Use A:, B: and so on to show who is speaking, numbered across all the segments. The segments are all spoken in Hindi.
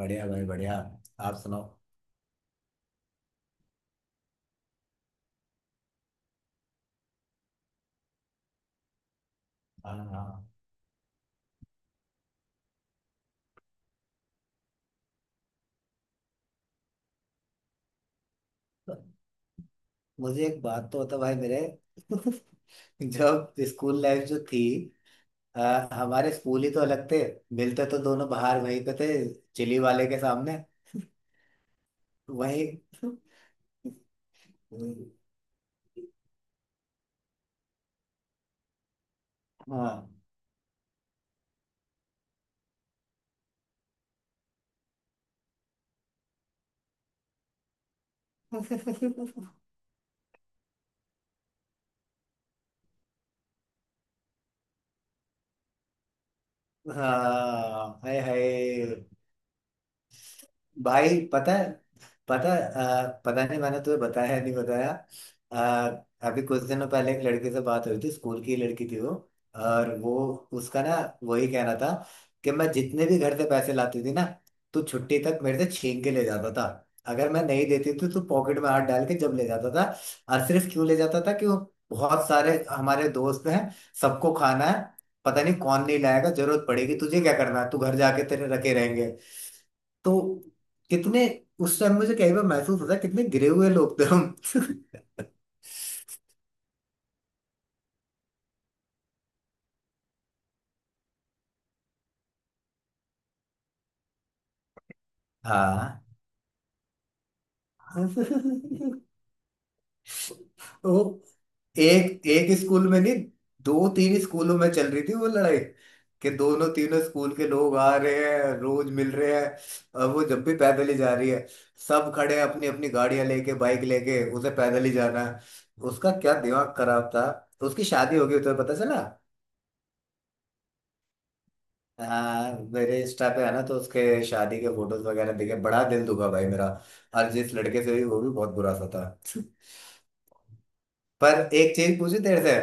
A: बढ़िया भाई बढ़िया। आप सुनाओ। हाँ हाँ। मुझे एक बात तो बता भाई मेरे। जब स्कूल लाइफ जो थी, हमारे स्कूल ही तो अलग थे। मिलते तो दोनों बाहर वहीं पे थे, चिली वाले के सामने। वही। हाँ हाँ, हाय हाय। भाई पता है। पता नहीं मैंने तुम्हें बताया नहीं बताया। अभी कुछ दिनों पहले एक लड़के से बात हुई थी, स्कूल की लड़की थी वो। और वो, उसका ना, वही कहना था कि मैं जितने भी घर से पैसे लाती थी ना, तो छुट्टी तक मेरे से छीन के ले जाता था। अगर मैं नहीं देती थी तो पॉकेट में हाथ डाल के जब ले जाता था। और सिर्फ क्यों ले जाता था कि वो, बहुत सारे हमारे दोस्त हैं, सबको खाना है, पता नहीं कौन नहीं लाएगा, जरूरत पड़ेगी, तुझे क्या करना है, तू घर जाके तेरे रखे रहेंगे। तो कितने उस टाइम मुझे कई बार महसूस होता है कितने गिरे हुए लोग थे हम। हाँ। वो एक एक स्कूल में नहीं, दो तीन स्कूलों में चल रही थी वो लड़ाई कि दोनों तीनों स्कूल के लोग आ रहे हैं, रोज मिल रहे हैं। और वो जब भी पैदल ही जा रही है, सब खड़े हैं अपनी अपनी गाड़ियां लेके, बाइक लेके, उसे पैदल ही जाना है। उसका क्या दिमाग खराब था। उसकी शादी हो गई तो पता चला। हाँ, मेरे इंस्टा पे है ना तो उसके शादी के फोटोज वगैरह देखे, बड़ा दिल दुखा भाई मेरा। और जिस लड़के से भी, वो भी बहुत बुरा सा था। पर एक चीज पूछी तेरे से।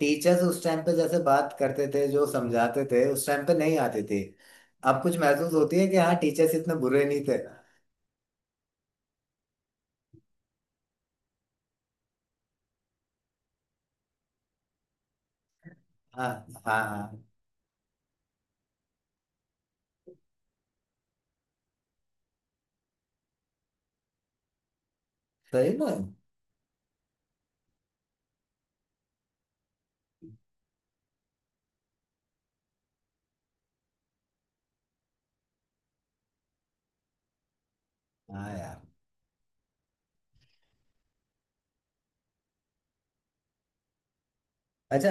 A: टीचर्स उस टाइम पे जैसे बात करते थे, जो समझाते थे, उस टाइम पे नहीं आती थी। अब कुछ महसूस होती है कि हाँ, टीचर्स इतने बुरे नहीं थे। हाँ हाँ हाँ। सही में। हाँ यार। अच्छा।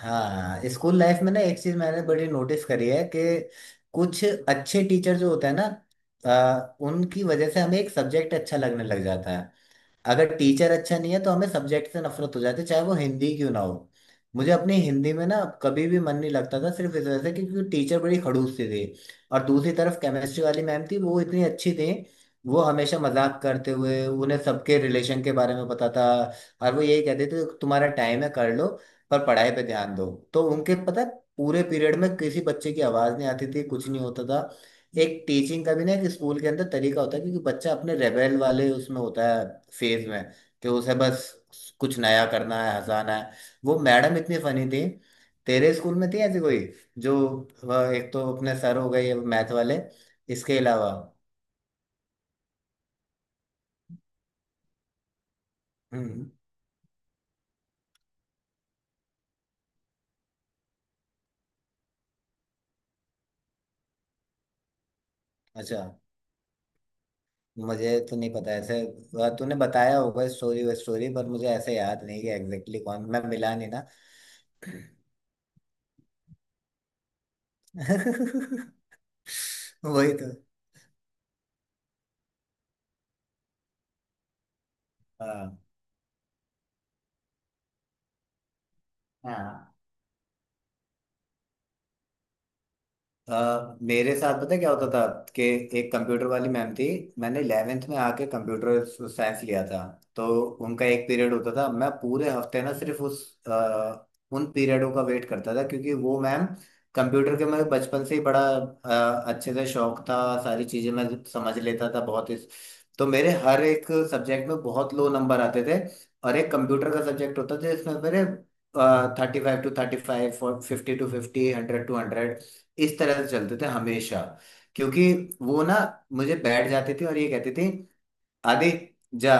A: हाँ, स्कूल लाइफ में ना एक चीज मैंने बड़ी नोटिस करी है कि कुछ अच्छे टीचर जो होते हैं ना, उनकी वजह से हमें एक सब्जेक्ट अच्छा लगने लग जाता है। अगर टीचर अच्छा नहीं है तो हमें सब्जेक्ट से नफरत हो जाती है, चाहे वो हिंदी क्यों ना हो। मुझे अपनी हिंदी में ना, कभी भी मन नहीं लगता था, सिर्फ इस वजह से क्योंकि टीचर बड़ी खड़ूस सी थी। और दूसरी तरफ केमिस्ट्री वाली मैम थी, वो इतनी अच्छी थी। वो हमेशा मजाक करते हुए, उन्हें सबके रिलेशन के बारे में पता था। और वो यही कहते थे तुम्हारा टाइम है कर लो, पर पढ़ाई पे ध्यान दो। तो उनके पता है, पूरे पीरियड में किसी बच्चे की आवाज नहीं आती थी, कुछ नहीं होता था। एक टीचिंग का भी ना एक स्कूल के अंदर तरीका होता है, क्योंकि बच्चा अपने रेबेल वाले उसमें होता है, फेज में, कि उसे बस कुछ नया करना है, हंसाना है। वो मैडम इतनी फनी थी। तेरे स्कूल में थी ऐसी कोई? जो, वह एक तो अपने सर हो गए मैथ वाले, इसके अलावा? हम्म। अच्छा, मुझे तो नहीं पता ऐसे। वह तूने बताया होगा स्टोरी व स्टोरी, पर मुझे ऐसे याद नहीं कि एग्जैक्टली कौन, मैं मिला नहीं ना। वही तो। हाँ हाँ। मेरे साथ पता है क्या होता था कि एक कंप्यूटर वाली मैम थी। मैंने 11th में आके कंप्यूटर साइंस लिया था। तो उनका एक पीरियड होता था, मैं पूरे हफ्ते ना सिर्फ उन पीरियडों का वेट करता था क्योंकि वो मैम, कंप्यूटर के मेरे बचपन से ही बड़ा अच्छे से शौक था। सारी चीजें मैं समझ लेता था बहुत इस, तो मेरे हर एक सब्जेक्ट में बहुत लो नंबर आते थे, और एक कंप्यूटर का सब्जेक्ट होता था जिसमें मेरे 35 टू 35, 50 टू 50, 100 टू 100, इस तरह से चलते थे हमेशा। क्योंकि वो ना मुझे बैठ जाते थे और ये कहते थे, आदि जा,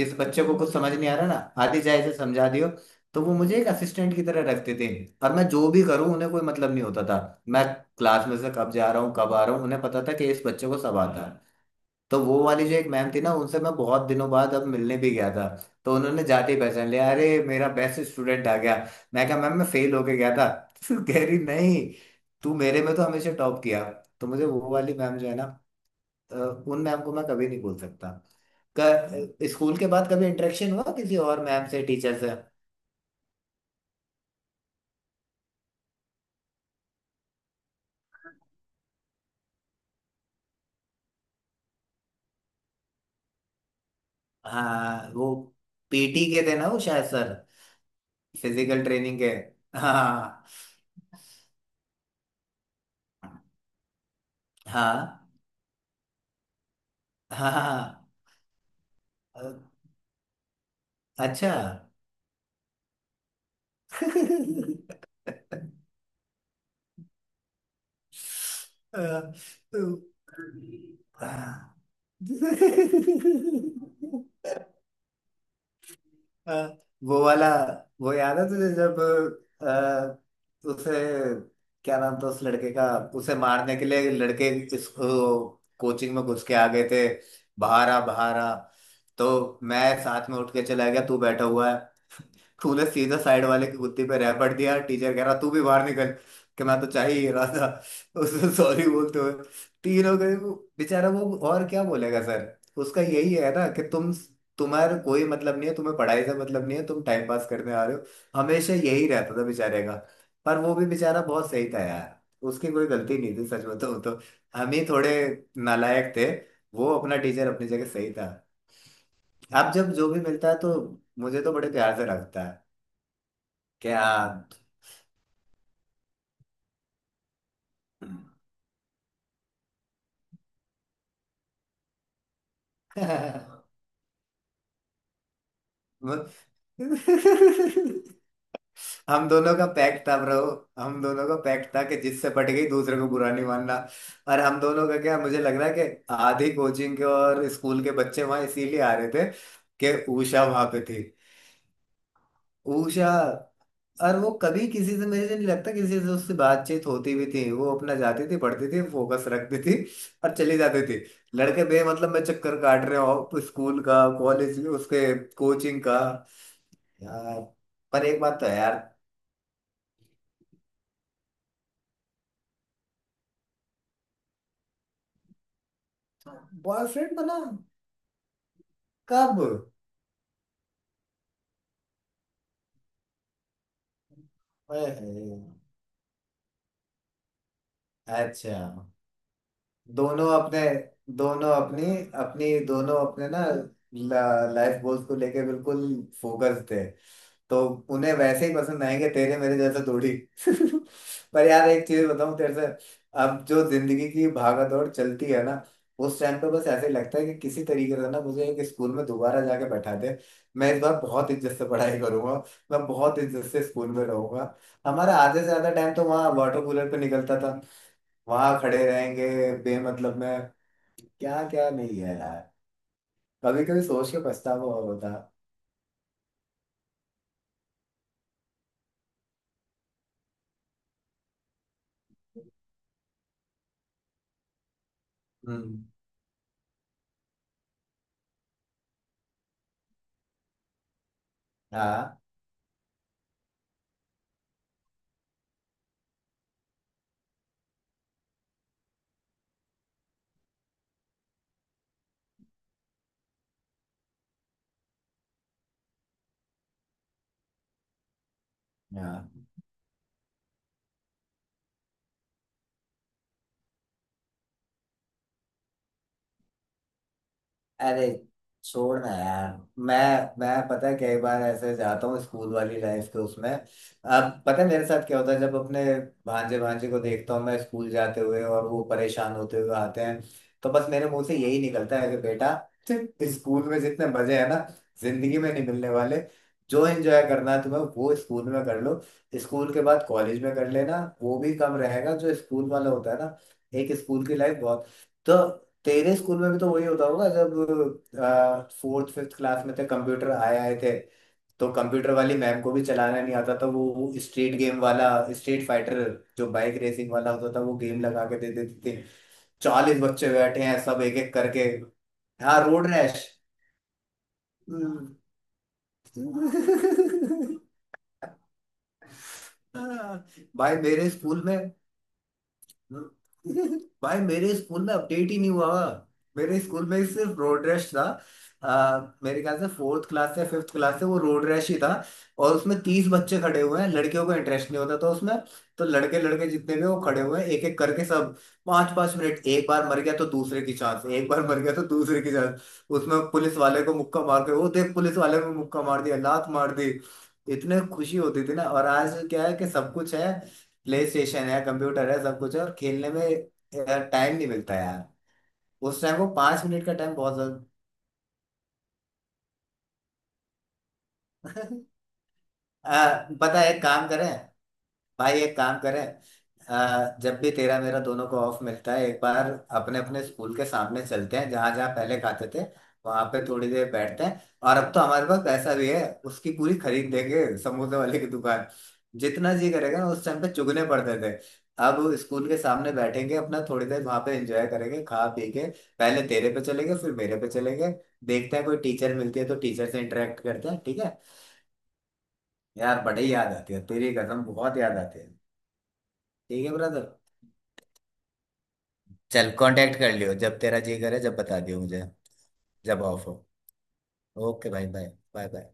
A: जिस बच्चे को कुछ समझ नहीं आ रहा ना, आदि जा इसे समझा दियो। तो वो मुझे एक असिस्टेंट की तरह रखते थे, और मैं जो भी करूं उन्हें कोई मतलब नहीं होता था। मैं क्लास में से कब जा रहा हूँ, कब आ रहा हूँ, उन्हें पता था कि इस बच्चे को सब आता है। तो वो वाली जो एक मैम थी ना, उनसे मैं बहुत दिनों बाद अब मिलने भी गया था। तो उन्होंने जाते ही पहचान लिया, अरे मेरा बेस्ट स्टूडेंट आ गया। मैं कहा मैम, मैं फेल होके गया था। तो कह रही नहीं, तू मेरे में तो हमेशा टॉप किया। तो मुझे वो वाली मैम जो है ना, अ, उन मैम को मैं कभी नहीं भूल सकता। स्कूल के बाद कभी इंटरेक्शन हुआ किसी और मैम से, टीचर से? हाँ, वो पीटी के थे ना वो शायद सर, फिजिकल ट्रेनिंग के। हाँ हाँ हाँ, हाँ, हाँ, अच्छा। हाँ। तो- हाँ। हाँ, वो वाला, वो याद है तुझे जब, अ, उसे क्या नाम था उस लड़के का, उसे मारने के लिए लड़के इस कोचिंग में घुस के आ गए थे, बाहर आ बाहर आ। तो मैं साथ में उठ के चला गया, तू बैठा हुआ है। तूने सीधा साइड वाले की कुत्ती पे रैपट दिया, टीचर कह रहा तू भी बाहर निकल, कि मैं तो चाह ही रहा था। उसने सॉरी बोलते हुए तीनों गए वो। बेचारा वो और क्या बोलेगा सर, उसका यही है ना कि तुम्हारा कोई मतलब नहीं है, तुम्हें पढ़ाई से मतलब नहीं है, तुम टाइम पास करने आ रहे हो। हमेशा यही रहता था बेचारे का। पर वो भी बेचारा बहुत सही था यार, उसकी कोई गलती नहीं थी सच बताऊं तो। हम ही थोड़े नालायक थे। वो अपना टीचर अपनी जगह सही था। अब जब जो भी मिलता है तो मुझे तो बड़े प्यार से रखता है। क्या? हम दोनों का पैक्ट था ब्रो। हम दोनों का पैक्ट था कि जिससे पट गई दूसरे को बुरा नहीं मानना। और हम दोनों का क्या, मुझे लग रहा है कि आधी कोचिंग के और स्कूल के बच्चे वहां इसीलिए आ रहे थे कि उषा वहां पे थी। उषा। और वो कभी किसी से, मुझे नहीं लगता किसी से उससे बातचीत होती भी थी, वो अपना जाती थी, पढ़ती थी, फोकस रखती थी और चली जाती थी। लड़के बे मतलब में चक्कर काट रहे हो, स्कूल का, कॉलेज उसके, कोचिंग का, यार। पर एक बात तो है यार। बॉयफ्रेंड बना? कब? ओए होए, अच्छा। दोनों अपने दोनों अपनी अपनी दोनों अपने ना, लाइफ गोल्स को लेके बिल्कुल फोकस थे। तो उन्हें वैसे ही पसंद आएंगे तेरे मेरे जैसे थोड़ी। पर यार एक चीज बताऊं तेरे से, अब जो जिंदगी की भागा दौड़ चलती है ना, उस टाइम पे बस ऐसे ही लगता है कि किसी तरीके से ना मुझे एक स्कूल में दोबारा जाके बैठा दे। मैं इस बार बहुत इज्जत से पढ़ाई करूंगा, मैं बहुत इज्जत से स्कूल में रहूंगा। हमारा आधे से ज्यादा टाइम तो वहाँ वाटर कूलर पे निकलता था, वहां खड़े रहेंगे बेमतलब में, क्या क्या नहीं है यार। कभी कभी सोच के पछतावा होता। हम्म। हाँ हाँ। अरे छोड़ ना यार। मैं मैं पता है कई बार ऐसे जाता हूँ, स्कूल वाली लाइफ के उसमें, अब पता है मेरे साथ क्या होता है, जब अपने भांजे भांजे को देखता हूँ मैं स्कूल जाते हुए और वो परेशान होते हुए आते हैं, तो बस मेरे मुंह से यही निकलता है कि बेटा, तेरे स्कूल में जितने मजे हैं ना, जिंदगी में नहीं मिलने वाले। जो एंजॉय करना है तुम्हें, वो स्कूल में कर लो। स्कूल के बाद कॉलेज में कर लेना वो भी कम रहेगा, जो स्कूल वाला होता है ना, एक स्कूल की लाइफ बहुत। तो तेरे स्कूल में भी तो वही होता होगा, जब फोर्थ फिफ्थ क्लास में थे, कंप्यूटर आए आए थे, तो कंप्यूटर वाली मैम को भी चलाना नहीं आता था, वो स्ट्रीट गेम वाला, स्ट्रीट फाइटर, जो बाइक रेसिंग वाला होता था, वो गेम लगा के दे देते थे। 40 बच्चे बैठे हैं सब एक एक करके। हाँ, रोड रैश। भाई मेरे स्कूल में भाई मेरे स्कूल में अपडेट ही नहीं हुआ हुआ। मेरे स्कूल में सिर्फ रोड रैश था। आ, मेरे ख्याल से फोर्थ क्लास से, फिफ्थ क्लास से वो रोड रैश ही था। और उसमें 30 बच्चे खड़े हुए हैं, लड़कियों को इंटरेस्ट नहीं होता था उसमें, तो लड़के, लड़के जितने भी वो खड़े हुए हैं एक एक करके सब, पाँच पाँच मिनट, एक बार मर गया तो दूसरे की चांस, एक बार मर गया तो दूसरे की चांस। उसमें पुलिस वाले को मुक्का मार के, वो देख पुलिस वाले को मुक्का मार दिया, लात मार दी, इतने खुशी होती थी ना। और आज क्या है कि सब कुछ है, प्ले स्टेशन है, कंप्यूटर है, सब कुछ है, और खेलने में यार टाइम नहीं मिलता यार। उस टाइम को 5 मिनट का टाइम बहुत ज्यादा। पता है एक काम करें, भाई एक काम करें, जब भी तेरा मेरा दोनों को ऑफ मिलता है एक बार, अपने अपने स्कूल के सामने चलते हैं, जहां जहां पहले खाते थे, वहां पे थोड़ी देर बैठते हैं। और अब तो हमारे पास पैसा भी है, उसकी पूरी खरीद देंगे समोसे वाले की दुकान, जितना जी करेगा। ना उस टाइम पे चुगने पड़ते थे, अब स्कूल के सामने बैठेंगे अपना, थोड़ी देर वहां पे एंजॉय करेंगे, खा पी के। पहले तेरे पे चलेंगे, फिर मेरे पे चलेंगे, देखते हैं कोई टीचर मिलती है तो टीचर से इंटरेक्ट करते हैं। ठीक है? यार बड़ी याद आती है तेरी कसम, बहुत याद आती है। ठीक है ब्रदर। चल कांटेक्ट कर लियो, जब तेरा जी करे जब बता दियो मुझे, जब ऑफ हो। ओके भाई, बाय बाय बाय।